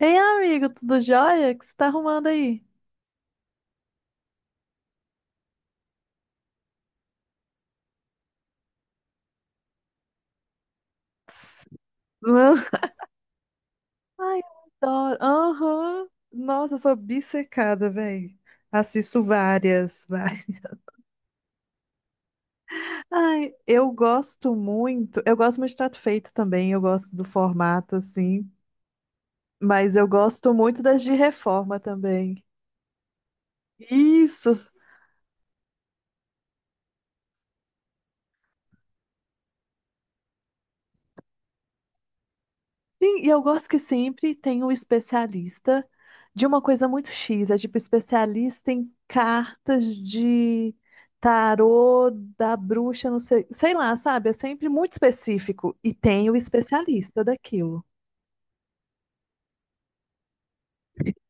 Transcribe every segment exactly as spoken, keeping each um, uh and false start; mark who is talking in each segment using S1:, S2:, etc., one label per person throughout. S1: Ei, amigo, tudo jóia? O que você tá arrumando aí? Tss, não. Ai, eu adoro. Aham. Nossa, eu sou obcecada, velho. Assisto várias, várias. Ai, eu gosto muito. Eu gosto muito de Trato Feito também. Eu gosto do formato, assim. Mas eu gosto muito das de reforma também. Isso! Sim, e eu gosto que sempre tem um especialista de uma coisa muito X. É tipo especialista em cartas de tarô da bruxa, não sei, sei lá, sabe? É sempre muito específico. E tem o especialista daquilo.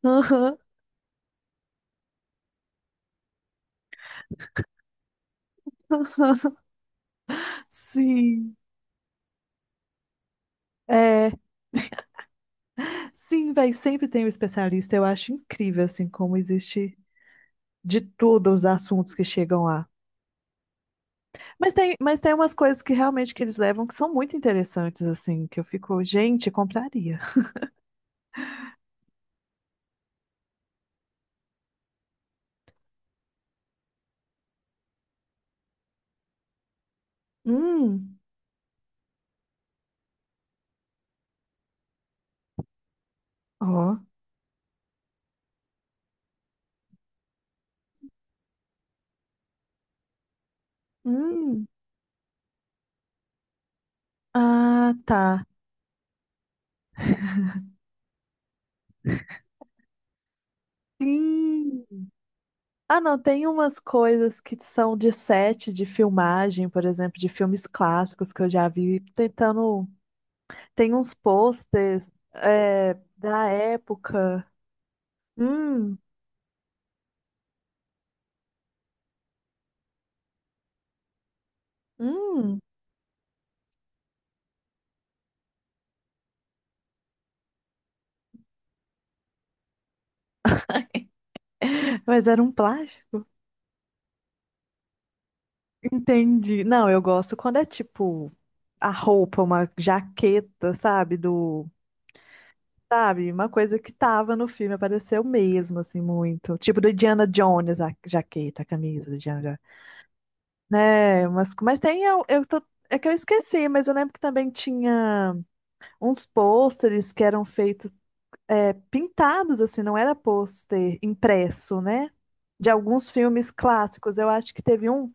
S1: Aham. Sim, é. Sim, véi, sempre tem um especialista. Eu acho incrível, assim, como existe de tudo os assuntos que chegam lá. Mas tem, mas tem umas coisas que realmente que eles levam que são muito interessantes, assim, que eu fico, gente, compraria. Hum. Ó. Hum. Ah, tá. Sim. Ah, não, tem umas coisas que são de set de filmagem, por exemplo, de filmes clássicos que eu já vi, tentando. Tem uns posters, é, da época. Hum. Hum. Mas era um plástico. Entendi. Não, eu gosto quando é tipo a roupa, uma jaqueta, sabe? Do, sabe? Uma coisa que tava no filme, apareceu mesmo, assim, muito. Tipo do Indiana Jones, a jaqueta, a camisa do Indiana Jones. Né? Mas, mas tem, eu, eu tô, é que eu esqueci, mas eu lembro que também tinha uns pôsteres que eram feitos, é, pintados, assim, não era pôster impresso, né? De alguns filmes clássicos. Eu acho que teve um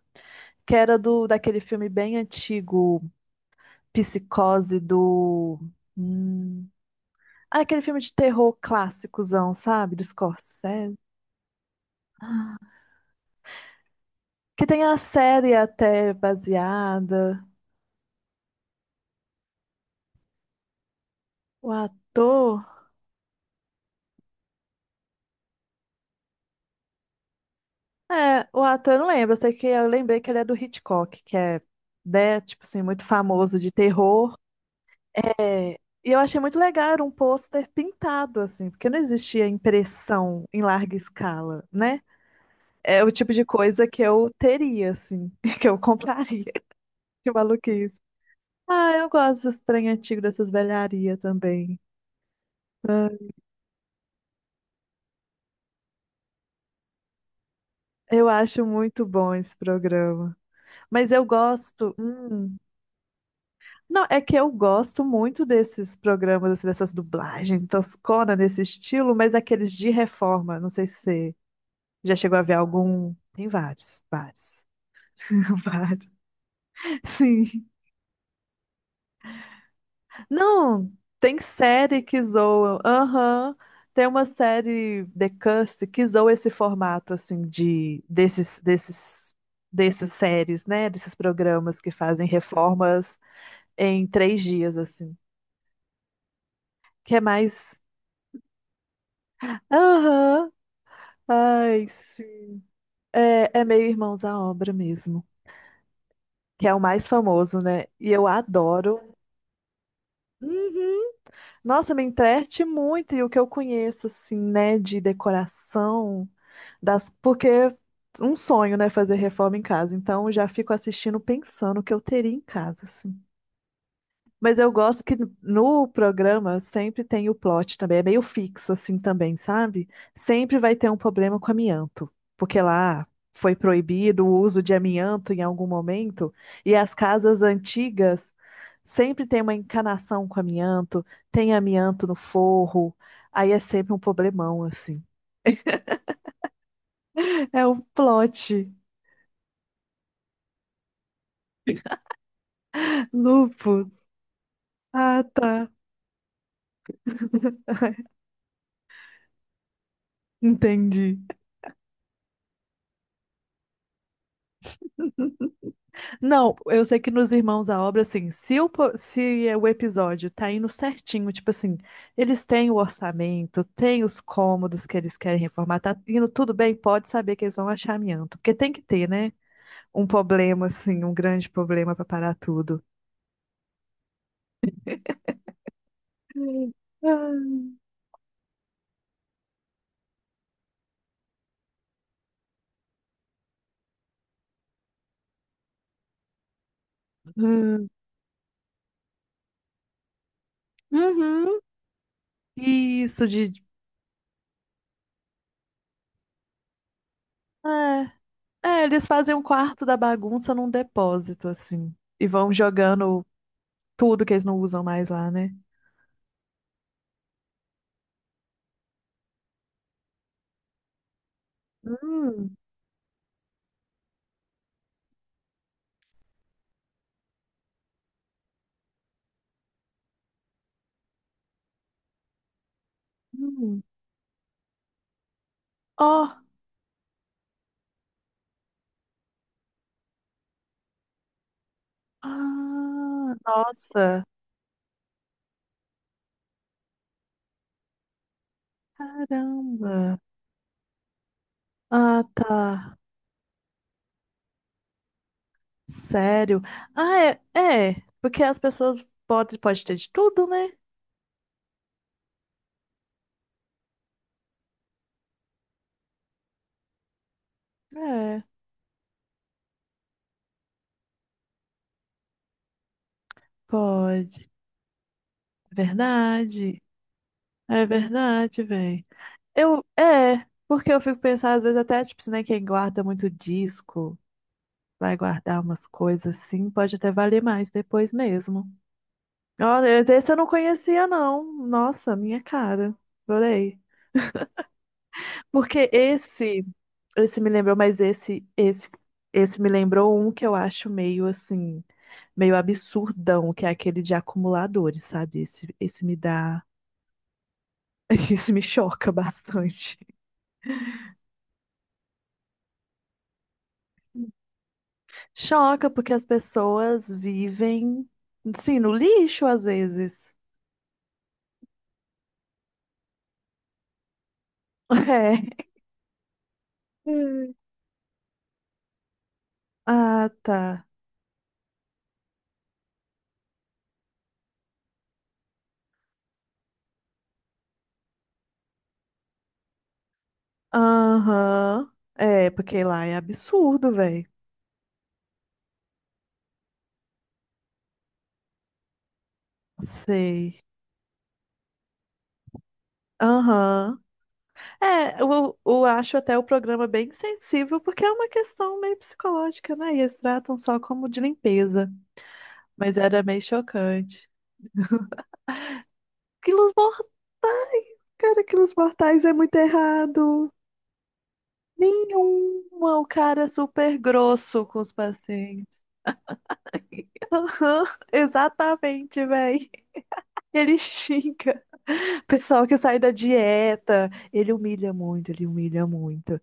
S1: que era do daquele filme bem antigo, Psicose do. hum, Ah, aquele filme de terror clássicozão, sabe? Do Scorsese. Que tem a série até baseada. O ator. É, o ator eu não lembro. Eu sei que eu lembrei que ele é do Hitchcock, que é, né, tipo assim, muito famoso de terror. É, e eu achei muito legal, era um pôster pintado, assim, porque não existia impressão em larga escala, né? É o tipo de coisa que eu teria, assim, que eu compraria. Que maluquice. Ah, eu gosto desse trem antigo, dessas velharias também. Ah, eu acho muito bom esse programa. Mas eu gosto. Hum, não, é que eu gosto muito desses programas, assim, dessas dublagens toscona nesse estilo, mas aqueles de reforma. Não sei se você já chegou a ver algum. Tem vários, vários. Vários. Sim. Não, tem série que zoa. Aham. Tem uma série The Curse que zoa esse formato assim de desses desses dessas séries, né, desses programas que fazem reformas em três dias assim. Que é mais. Aham. Ai, sim. É, é meio Irmãos à Obra mesmo, que é o mais famoso, né? E eu adoro. Uhum. Nossa, me entrete muito e o que eu conheço, assim, né, de decoração, das, porque é um sonho, né, fazer reforma em casa. Então, eu já fico assistindo pensando o que eu teria em casa, assim. Mas eu gosto que no programa sempre tem o plot também, é meio fixo assim também, sabe? Sempre vai ter um problema com amianto, porque lá foi proibido o uso de amianto em algum momento, e as casas antigas sempre tem uma encanação com amianto, tem amianto no forro, aí é sempre um problemão assim. É o plot. Lupus. Ah, tá. Entendi. Não, eu sei que nos Irmãos à Obra, assim, se o, po- se é o episódio tá indo certinho, tipo assim, eles têm o orçamento, têm os cômodos que eles querem reformar, tá indo tudo bem, pode saber que eles vão achar amianto, porque tem que ter, né? Um problema, assim, um grande problema para parar tudo. Uhum. Uhum. Isso de. É, é, eles fazem um quarto da bagunça num depósito, assim, e vão jogando tudo que eles não usam mais lá, né? Hum. Hum. Ó. Ah, nossa, caramba. Ah, tá. Sério? Ah, é, é, porque as pessoas podem pode ter de tudo, né? É, pode. É verdade. É verdade, velho. Eu, é, porque eu fico pensando, às vezes até, tipo, se, né, quem guarda muito disco, vai guardar umas coisas assim, pode até valer mais depois mesmo. Olha, esse eu não conhecia, não. Nossa, minha cara. Adorei. Porque esse, esse, me lembrou, mas esse, esse, esse me lembrou um que eu acho meio assim, meio absurdão, que é aquele de acumuladores, sabe? Esse, esse me dá, esse me choca bastante. Choca porque as pessoas vivem, sim, no lixo às vezes. É. Hum. Ah, tá. Aham. É, porque lá é absurdo, velho. Sei. Aham. É, eu, eu acho até o programa bem sensível, porque é uma questão meio psicológica, né? E eles tratam só como de limpeza. Mas era meio chocante. Quilos mortais, cara, quilos mortais é muito errado. Nenhuma, o cara é super grosso com os pacientes. Aham, exatamente, véi. Ele xinga. Pessoal que sai da dieta, ele humilha muito, ele humilha muito.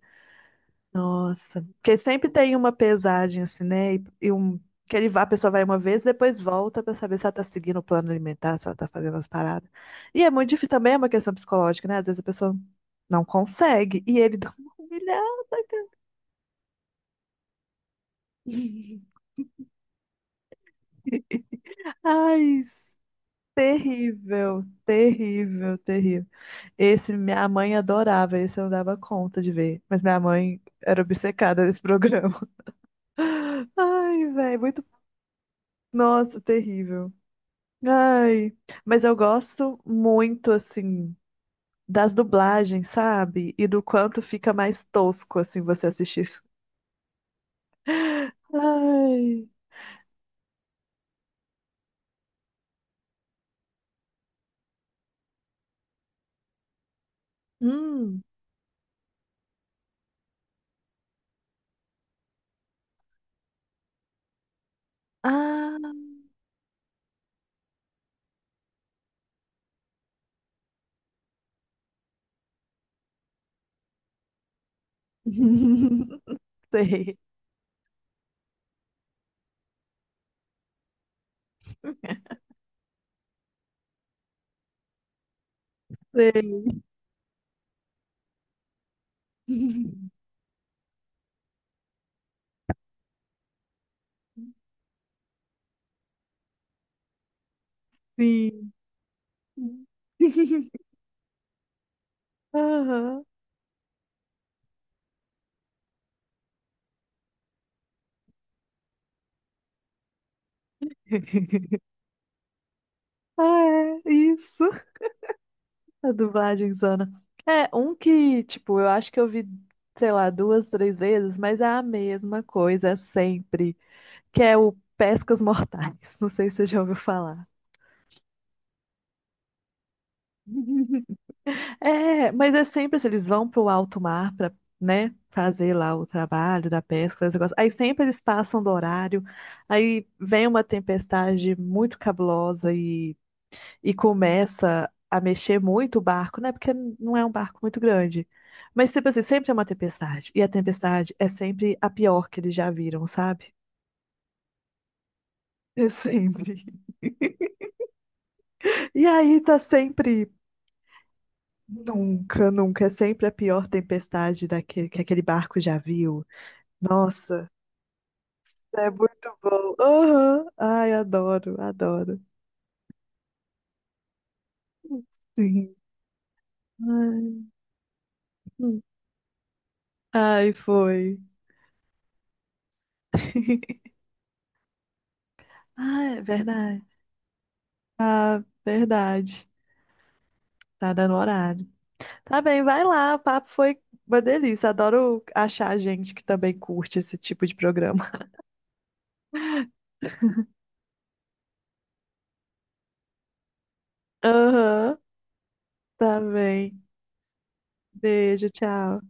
S1: Nossa, porque sempre tem uma pesagem assim, né? E, e um, que ele vai, a pessoa vai uma vez, depois volta pra saber se ela tá seguindo o plano alimentar, se ela tá fazendo as paradas. E é muito difícil também, é uma questão psicológica, né? Às vezes a pessoa não consegue e ele dá uma humilhada, cara. Ai, terrível, terrível, terrível. Esse minha mãe adorava, esse eu não dava conta de ver, mas minha mãe era obcecada nesse programa. Ai, velho, muito, nossa, terrível. Ai, mas eu gosto muito, assim, das dublagens, sabe? E do quanto fica mais tosco, assim, você assistir isso. Ai. Hum. Ah. Sei, sei, sim. Aham. Ah, é, isso. A dublagem zona. É, um que, tipo, eu acho que eu vi, sei lá, duas, três vezes, mas é a mesma coisa é sempre. Que é o Pescas Mortais. Não sei se você já ouviu falar. É, mas é sempre assim, eles vão para o alto mar para, né, fazer lá o trabalho da pesca, fazer esse negócio. Aí sempre eles passam do horário, aí vem uma tempestade muito cabulosa e, e começa a mexer muito o barco, né? Porque não é um barco muito grande. Mas tipo assim, sempre é uma tempestade. E a tempestade é sempre a pior que eles já viram, sabe? É sempre. E aí tá sempre. Nunca, nunca. É sempre a pior tempestade daquele, que aquele barco já viu. Nossa, é muito bom. Aham. Ai, adoro, adoro. Sim. Ai. Hum. Ai, foi. Ah, é verdade. Ah, verdade. Tá dando horário. Tá bem, vai lá. O papo foi uma delícia. Adoro achar gente que também curte esse tipo de programa. Aham, tá bem. Beijo, tchau.